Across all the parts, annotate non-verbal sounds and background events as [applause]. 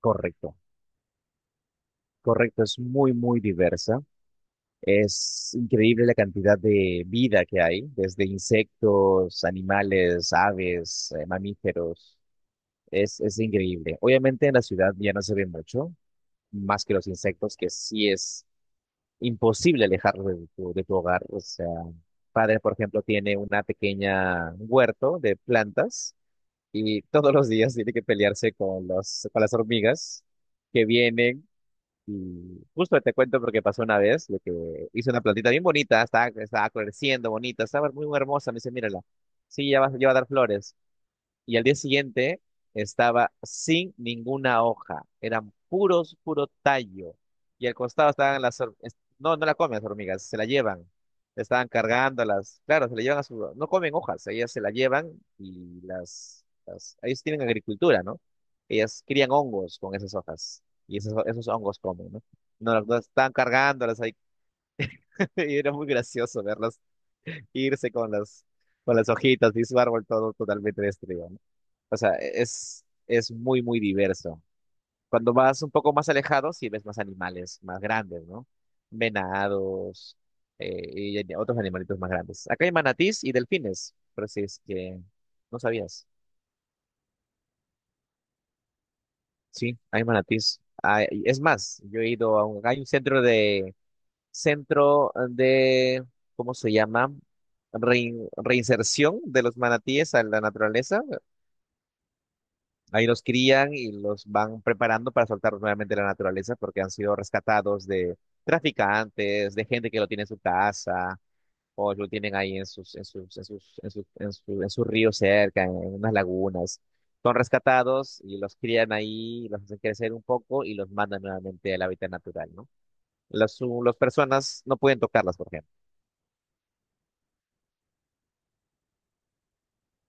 Correcto, correcto, es muy, muy diversa. Es increíble la cantidad de vida que hay, desde insectos, animales, aves, mamíferos. Es increíble. Obviamente en la ciudad ya no se ve mucho, más que los insectos, que sí es imposible alejarlos de tu hogar. O sea, padre, por ejemplo, tiene una pequeña huerto de plantas y todos los días tiene que pelearse con las hormigas que vienen. Y justo te cuento porque pasó una vez de que hice una plantita bien bonita, estaba creciendo bonita, estaba muy hermosa. Me dice, mírala, sí, ya va a dar flores. Y al día siguiente estaba sin ninguna hoja. Eran puro tallo. Y al costado estaban las No, no la comen las hormigas, se la llevan. Estaban cargándolas. Claro, se la llevan a su. No comen hojas, ellas se la llevan y ellos tienen agricultura, ¿no? Ellas crían hongos con esas hojas. Y esos hongos comen, ¿no? No, no, estaban cargándolas ahí. [laughs] Y era muy gracioso verlas irse con las hojitas y su árbol todo totalmente destruido, ¿no? O sea, es muy, muy diverso. Cuando vas un poco más alejado, sí ves más animales más grandes, ¿no? Venados, otros animalitos más grandes. Acá hay manatís y delfines, pero si es que no sabías. Sí, hay manatís. Ah, es más, yo he ido a un, hay un centro de, ¿cómo se llama? Reinserción de los manatíes a la naturaleza. Ahí los crían y los van preparando para soltarlos nuevamente a la naturaleza porque han sido rescatados de traficantes, de gente que lo tiene en su casa o lo tienen ahí en sus, en sus, en sus, en sus, en su- en sus ríos cerca, en unas lagunas. Son rescatados y los crían ahí, los hacen crecer un poco y los mandan nuevamente al hábitat natural, ¿no? Las personas no pueden tocarlas, por ejemplo.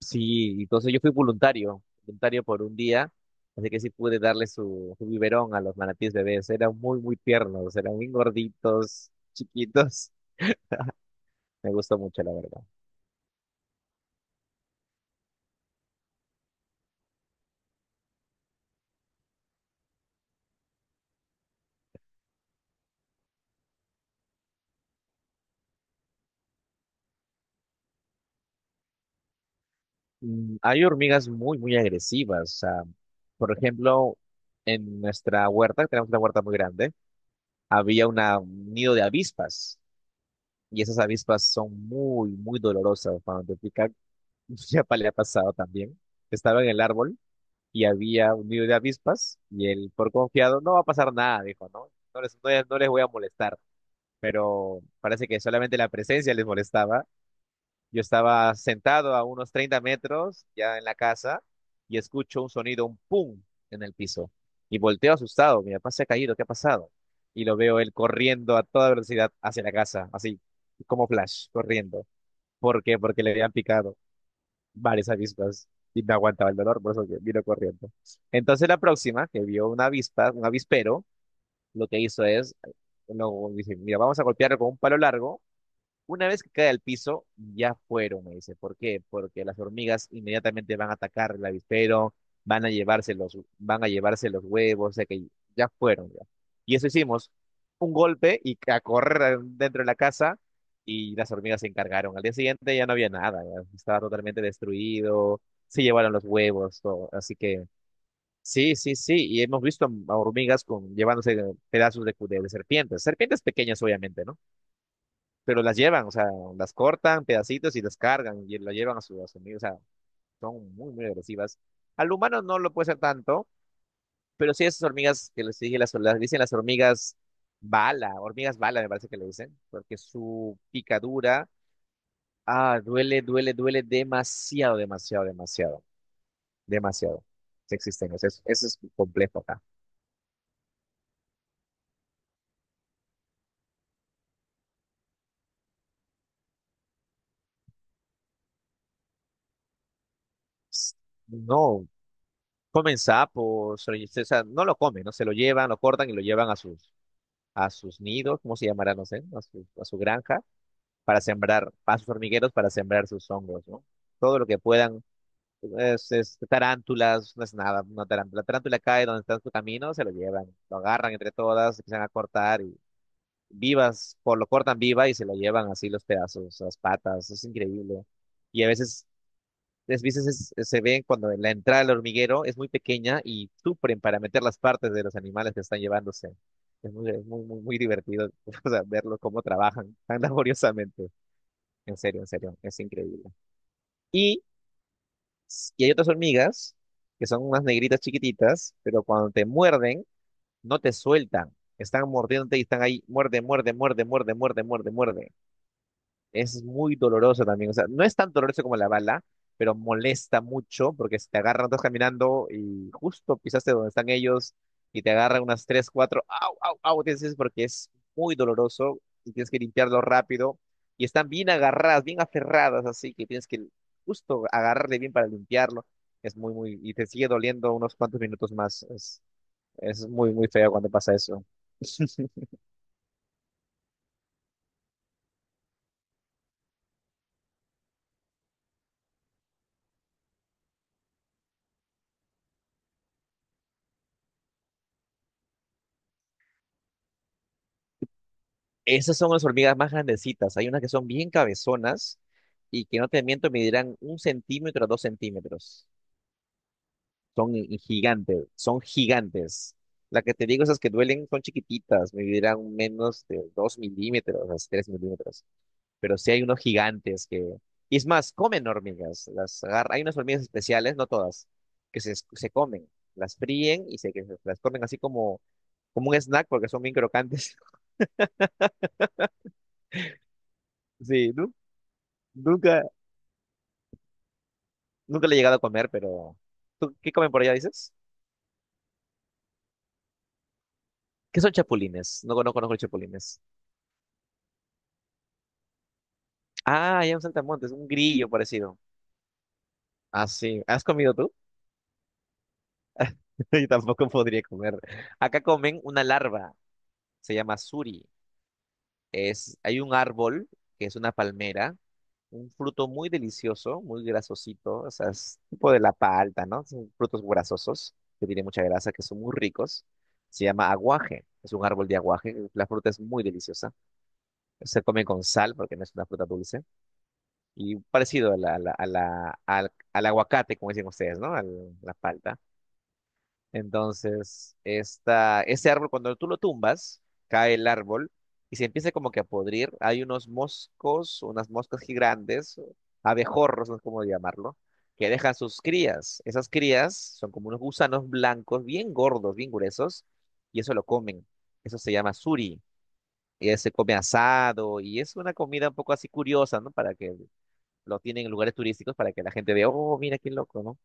Sí, entonces yo fui voluntario por un día, así que sí pude darle su biberón a los manatíes bebés. Eran muy, muy tiernos, eran muy gorditos, chiquitos. Me gustó mucho, la verdad. Hay hormigas muy, muy agresivas. O sea, por ejemplo, en nuestra huerta, tenemos una huerta muy grande, había un nido de avispas. Y esas avispas son muy, muy dolorosas cuando te pican. [laughs] Ya le ha pasado también. Estaba en el árbol y había un nido de avispas y él por confiado no va a pasar nada, dijo, ¿no? No les voy a molestar, pero parece que solamente la presencia les molestaba. Yo estaba sentado a unos 30 metros ya en la casa y escucho un sonido, un pum en el piso y volteo asustado, mi papá se ha caído, ¿qué ha pasado? Y lo veo él corriendo a toda velocidad hacia la casa, así como flash, corriendo. ¿Por qué? Porque le habían picado varias avispas y me aguantaba el dolor, por eso que vino corriendo. Entonces la próxima, que vio una avispa, un avispero, lo que hizo es, lo, dice, mira, vamos a golpearlo con un palo largo una vez que cae al piso, ya fueron, me dice. ¿Por qué? Porque las hormigas inmediatamente van a atacar el avispero, van a llevarse los huevos, o sea que ya fueron, ya. Y eso hicimos, un golpe y a correr dentro de la casa y las hormigas se encargaron. Al día siguiente ya no había nada, ya estaba totalmente destruido, se llevaron los huevos, todo. Así que sí, sí, sí, y hemos visto a hormigas llevándose pedazos de serpientes, serpientes pequeñas obviamente, ¿no? Pero las llevan, o sea, las cortan pedacitos y las cargan y lo llevan a sus hormigas, o sea, son muy, muy agresivas. Al humano no lo puede ser tanto, pero sí esas hormigas que les dije, las dicen las hormigas bala, me parece que le dicen, porque su picadura, ah, duele, duele, duele demasiado, demasiado, demasiado, demasiado. Sí existen, o sea, eso es complejo acá. No, comen sapos, o sea, no lo comen, ¿no? Se lo llevan, lo cortan y lo llevan a sus nidos, ¿cómo se llamará? No sé, a su granja, para sembrar, a sus hormigueros para sembrar sus hongos, ¿no? Todo lo que puedan, es tarántulas, no es nada, una tarántula. La tarántula cae donde está en su camino, se lo llevan, lo agarran entre todas, empiezan a cortar y vivas, por lo cortan viva y se lo llevan así los pedazos, las patas, es increíble. Y a veces las se ven cuando la entrada al hormiguero es muy pequeña y sufren para meter las partes de los animales que están llevándose. Es muy, muy, muy divertido, [laughs] o sea, verlo cómo trabajan tan [laughs] laboriosamente. En serio, es increíble. Y, y hay otras hormigas que son unas negritas chiquititas, pero cuando te muerden, no te sueltan. Están mordiéndote y están ahí, muerde, muerde, muerde, muerde, muerde, muerde, muerde. Es muy doloroso también. O sea, no es tan doloroso como la bala, pero molesta mucho porque si te agarran, todos caminando y justo pisaste donde están ellos y te agarran unas tres, cuatro, au, au, au, tienes que decir porque es muy doloroso y tienes que limpiarlo rápido. Y están bien agarradas, bien aferradas, así que tienes que justo agarrarle bien para limpiarlo. Es muy, muy, y te sigue doliendo unos cuantos minutos más. Es muy, muy feo cuando pasa eso. Esas son las hormigas más grandecitas. Hay unas que son bien cabezonas y que no te miento, medirán 1 centímetro a 2 centímetros. Gigantes, son gigantes. La que te digo, esas que duelen son chiquititas, medirán menos de 2 milímetros, así, 3 milímetros. Pero sí hay unos gigantes que. Y es más, comen hormigas. Hay unas hormigas especiales, no todas, que se comen. Las fríen y las comen así como, como un snack porque son bien crocantes. [laughs] Sí, ¿no? Nunca, nunca le he llegado a comer, pero. ¿Tú qué comen por allá, dices? ¿Qué son chapulines? No, no conozco los chapulines. Ah, ya un saltamontes, un grillo parecido. Ah, sí. ¿Has comido tú? [laughs] Yo tampoco podría comer. Acá comen una larva, se llama suri. Es, hay un árbol que es una palmera, un fruto muy delicioso, muy grasosito, o sea, es tipo de la palta, ¿no? Son frutos grasosos que tienen mucha grasa, que son muy ricos. Se llama aguaje, es un árbol de aguaje, la fruta es muy deliciosa. Se come con sal porque no es una fruta dulce. Y parecido a al aguacate, como dicen ustedes, ¿no? La palta. Entonces, este árbol, cuando tú lo tumbas, cae el árbol y se empieza como que a podrir. Hay unos moscos, unas moscas gigantes, abejorros, no sé cómo llamarlo, que dejan sus crías. Esas crías son como unos gusanos blancos, bien gordos, bien gruesos, y eso lo comen. Eso se llama suri y se come asado y es una comida un poco así curiosa, ¿no? Para que lo tienen en lugares turísticos para que la gente vea, oh, mira qué loco, ¿no?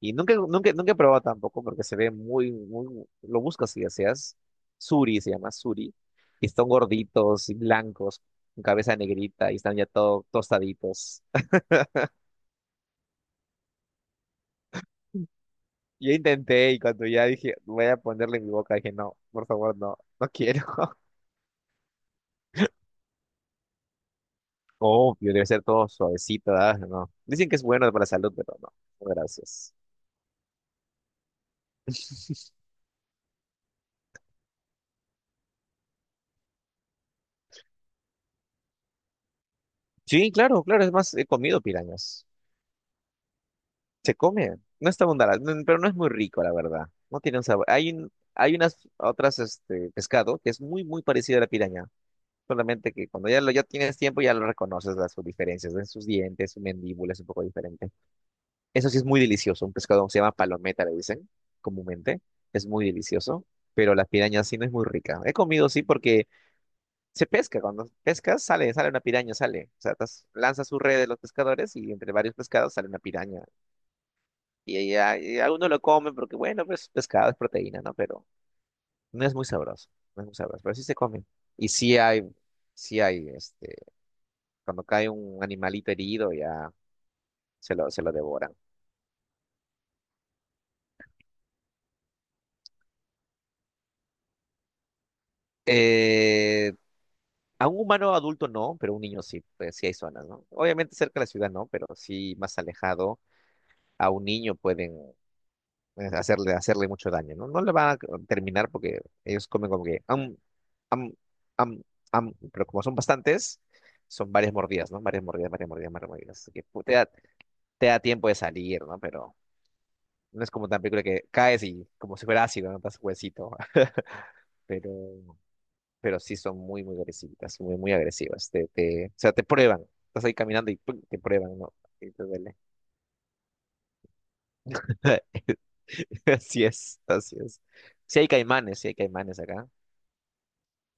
Y nunca, nunca, nunca he probado tampoco porque se ve lo buscas si deseas. Suri se llama Suri. Y están gorditos y blancos, con cabeza negrita y están ya todo tostaditos. [laughs] Yo intenté y cuando ya dije, voy a ponerle en mi boca, dije, no, por favor, no, no quiero. [laughs] Obvio, debe ser todo suavecito, ¿verdad? No. Dicen que es bueno para la salud, pero no, no, gracias. Sí, claro, claro, es más, he comido pirañas. Se come, no está abundante, no, pero no es muy rico, la verdad. No tiene un sabor. Hay unas otras este pescado que es muy muy parecido a la piraña, solamente que cuando ya tienes tiempo ya lo reconoces las sus diferencias, en sus dientes, su mandíbula es un poco diferente. Eso sí es muy delicioso, un pescado se llama palometa, le dicen comúnmente, es muy delicioso, pero la piraña sí no es muy rica. He comido sí porque se pesca, cuando pescas sale una piraña, sale. O sea, lanzas su red de los pescadores y entre varios pescados sale una piraña. Y algunos lo comen porque, bueno, pues pescado es proteína, ¿no? Pero no es muy sabroso, no es muy sabroso, pero sí se comen. Y sí hay, este, cuando cae un animalito herido ya se lo devoran. Eh, a un humano adulto no, pero un niño sí, pues sí hay zonas, ¿no? Obviamente cerca de la ciudad no, pero sí más alejado. A un niño pueden hacerle mucho daño, ¿no? No le van a terminar porque ellos comen como que, am, am, pero como son bastantes, son varias mordidas, ¿no? Varias mordidas, varias mordidas, varias mordidas. Así que te da tiempo de salir, ¿no? Pero no es como tan película que caes y como si fuera ácido, ¿no? Das huesito. [laughs] Pero, pero sí son muy, muy agresivas, muy, muy agresivas. O sea, te prueban. Estás ahí caminando y ¡pum! Te prueban, ¿no? Y te duele. [laughs] Así es, así es. Sí hay caimanes acá.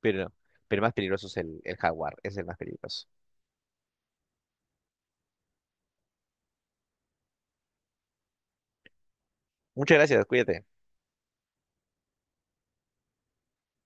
Pero, pero el más peligroso es el jaguar, es el más peligroso. Muchas gracias, cuídate.